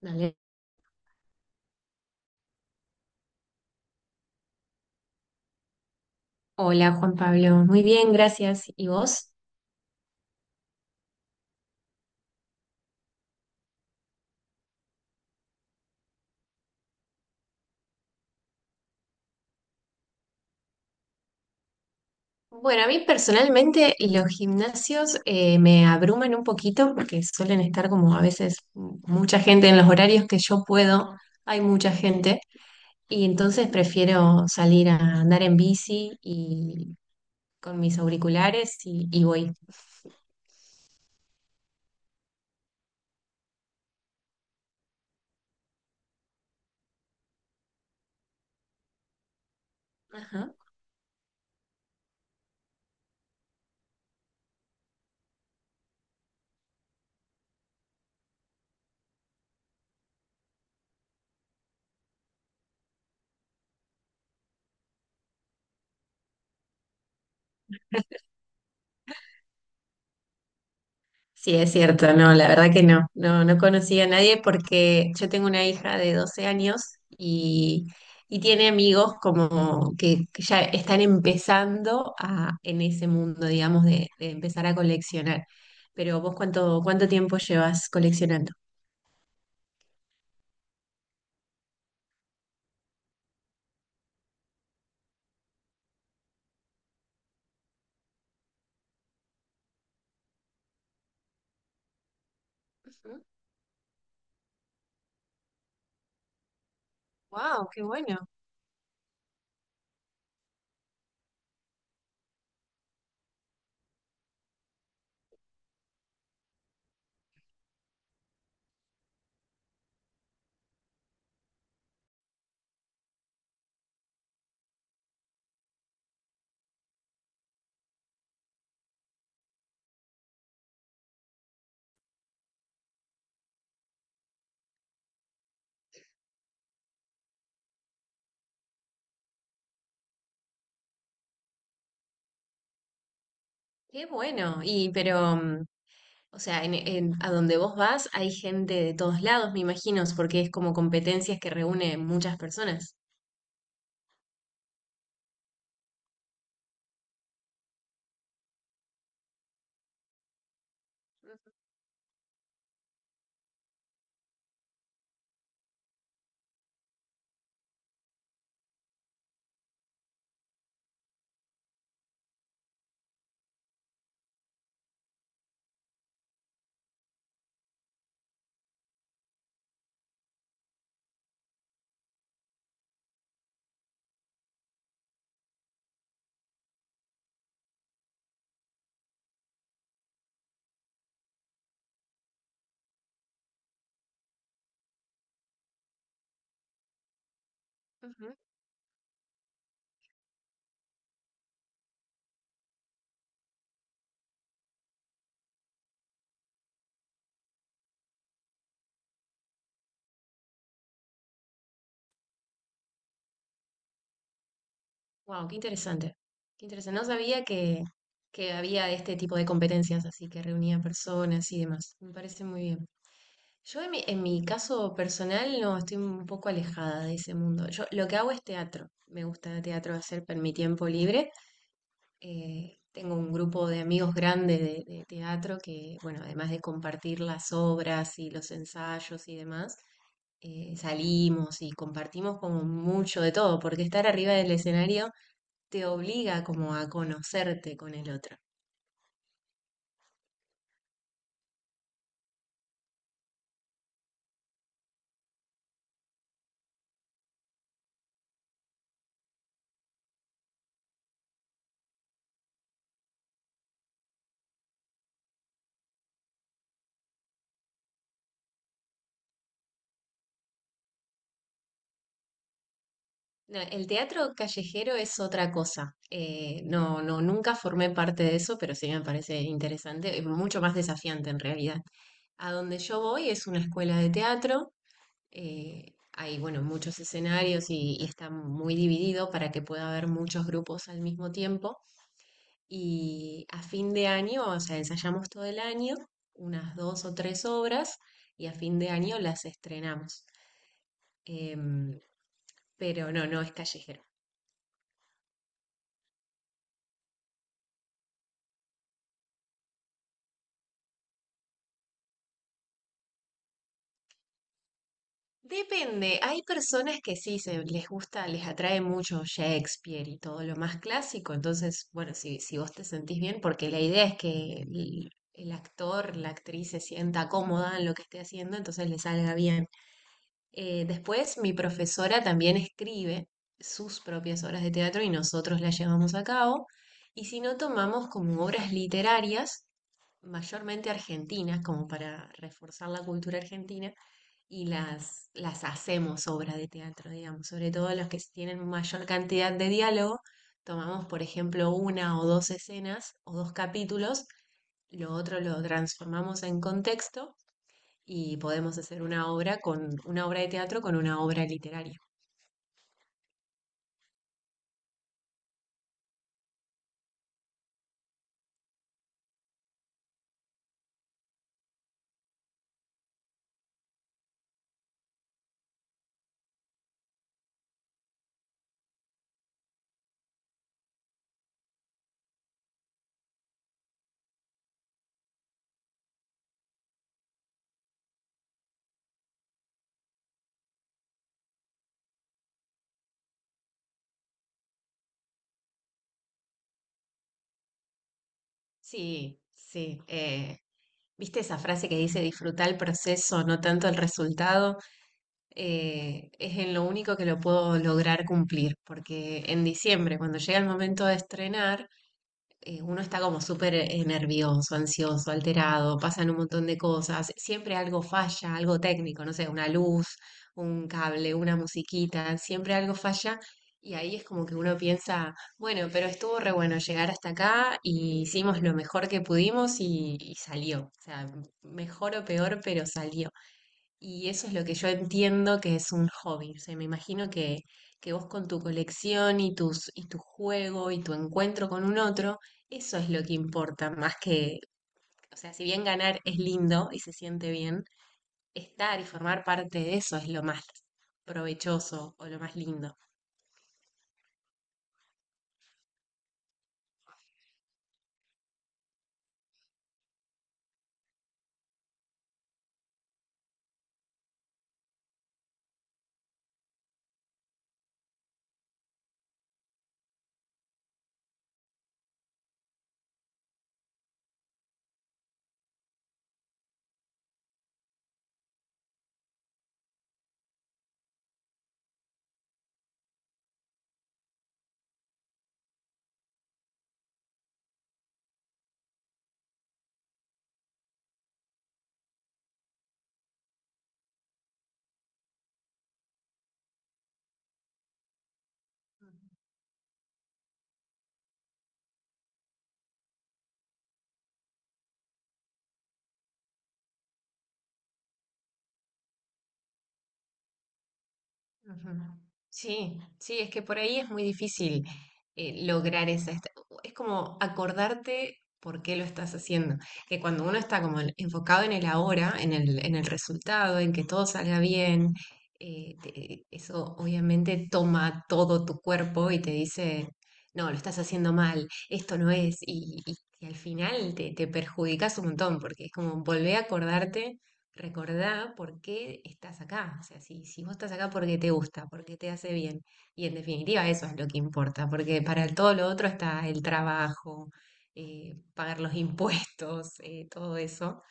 Dale. Hola Juan Pablo, muy bien, gracias. ¿Y vos? Bueno, a mí personalmente los gimnasios me abruman un poquito porque suelen estar como a veces mucha gente en los horarios que yo puedo, hay mucha gente y entonces prefiero salir a andar en bici y con mis auriculares y voy. Ajá. Sí, es cierto, no, la verdad que no, no, no conocí a nadie porque yo tengo una hija de 12 años y tiene amigos como que ya están empezando en ese mundo, digamos, de empezar a coleccionar. Pero vos, ¿ cuánto tiempo llevas coleccionando? Wow, qué bueno, qué bueno. O sea, a donde vos vas hay gente de todos lados, me imagino, porque es como competencias que reúne muchas personas. Wow, qué interesante. Qué interesante. No sabía que había este tipo de competencias, así que reunía personas y demás. Me parece muy bien. Yo en en mi caso personal no estoy un poco alejada de ese mundo. Yo lo que hago es teatro. Me gusta el teatro hacer en mi tiempo libre. Tengo un grupo de amigos grande de teatro que, bueno, además de compartir las obras y los ensayos y demás, salimos y compartimos como mucho de todo, porque estar arriba del escenario te obliga como a conocerte con el otro. No, el teatro callejero es otra cosa. No, no, nunca formé parte de eso, pero sí me parece interesante, y mucho más desafiante en realidad. A donde yo voy es una escuela de teatro. Hay, bueno, muchos escenarios y está muy dividido para que pueda haber muchos grupos al mismo tiempo. Y a fin de año, o sea, ensayamos todo el año, unas 2 o 3 obras, y a fin de año las estrenamos. Em, pero no, no es callejero. Depende, hay personas que sí se les gusta, les atrae mucho Shakespeare y todo lo más clásico, entonces, bueno, si, si vos te sentís bien, porque la idea es que el, el actor, la actriz se sienta cómoda en lo que esté haciendo, entonces le salga bien. Después, mi profesora también escribe sus propias obras de teatro y nosotros las llevamos a cabo, y si no, tomamos como obras literarias mayormente argentinas, como para reforzar la cultura argentina, y las hacemos obra de teatro, digamos, sobre todo las que tienen mayor cantidad de diálogo. Tomamos, por ejemplo, 1 o 2 escenas o 2 capítulos, lo otro lo transformamos en contexto y podemos hacer una obra con una obra de teatro con una obra literaria. Sí, sí. ¿Viste esa frase que dice disfruta el proceso, no tanto el resultado? Es en lo único que lo puedo lograr cumplir, porque en diciembre, cuando llega el momento de estrenar, uno está como súper nervioso, ansioso, alterado, pasan un montón de cosas, siempre algo falla, algo técnico, no sé, una luz, un cable, una musiquita, siempre algo falla. Y ahí es como que uno piensa, bueno, pero estuvo re bueno llegar hasta acá y hicimos lo mejor que pudimos y salió. O sea, mejor o peor, pero salió. Y eso es lo que yo entiendo que es un hobby. O sea, me imagino que vos con tu colección y y tu juego y tu encuentro con un otro, eso es lo que importa, más o sea, si bien ganar es lindo y se siente bien, estar y formar parte de eso es lo más provechoso o lo más lindo. Ujú. Sí, sí, es que por ahí es muy difícil lograr es como acordarte por qué lo estás haciendo. Que cuando uno está como enfocado en el ahora, en en el resultado, en que todo salga bien, eso obviamente toma todo tu cuerpo y te dice, no, lo estás haciendo mal, esto no es. Y al final te perjudicas un montón porque es como volver a acordarte recordá por qué estás acá. O sea, si, si vos estás acá porque te gusta, porque te hace bien. Y en definitiva eso es lo que importa, porque para todo lo otro está el trabajo, pagar los impuestos, todo eso,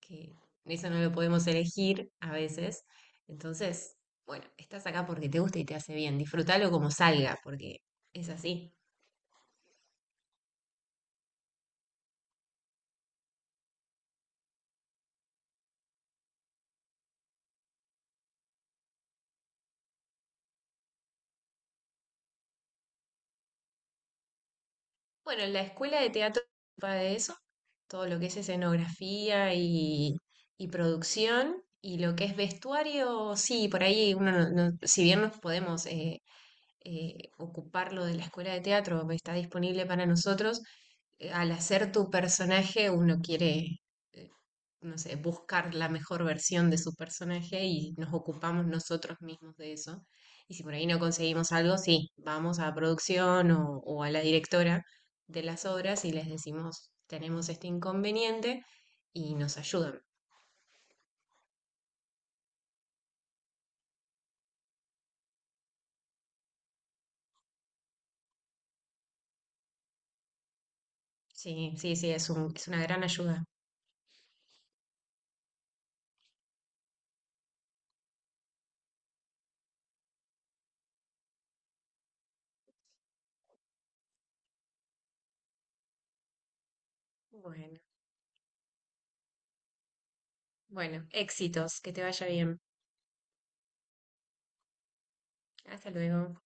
que eso no lo podemos elegir a veces. Entonces, bueno, estás acá porque te gusta y te hace bien. Disfrútalo como salga, porque es así. Bueno, en la escuela de teatro se ocupa de eso, todo lo que es escenografía y producción, y lo que es vestuario, sí, por ahí uno, si bien nos podemos ocupar lo de la escuela de teatro, está disponible para nosotros, al hacer tu personaje uno quiere no sé, buscar la mejor versión de su personaje y nos ocupamos nosotros mismos de eso. Y si por ahí no conseguimos algo, sí, vamos a producción o a la directora de las obras y les decimos, tenemos este inconveniente y nos ayudan. Sí, sí, sí, es es una gran ayuda. Bueno, bueno, éxitos, que te vaya bien. Hasta luego.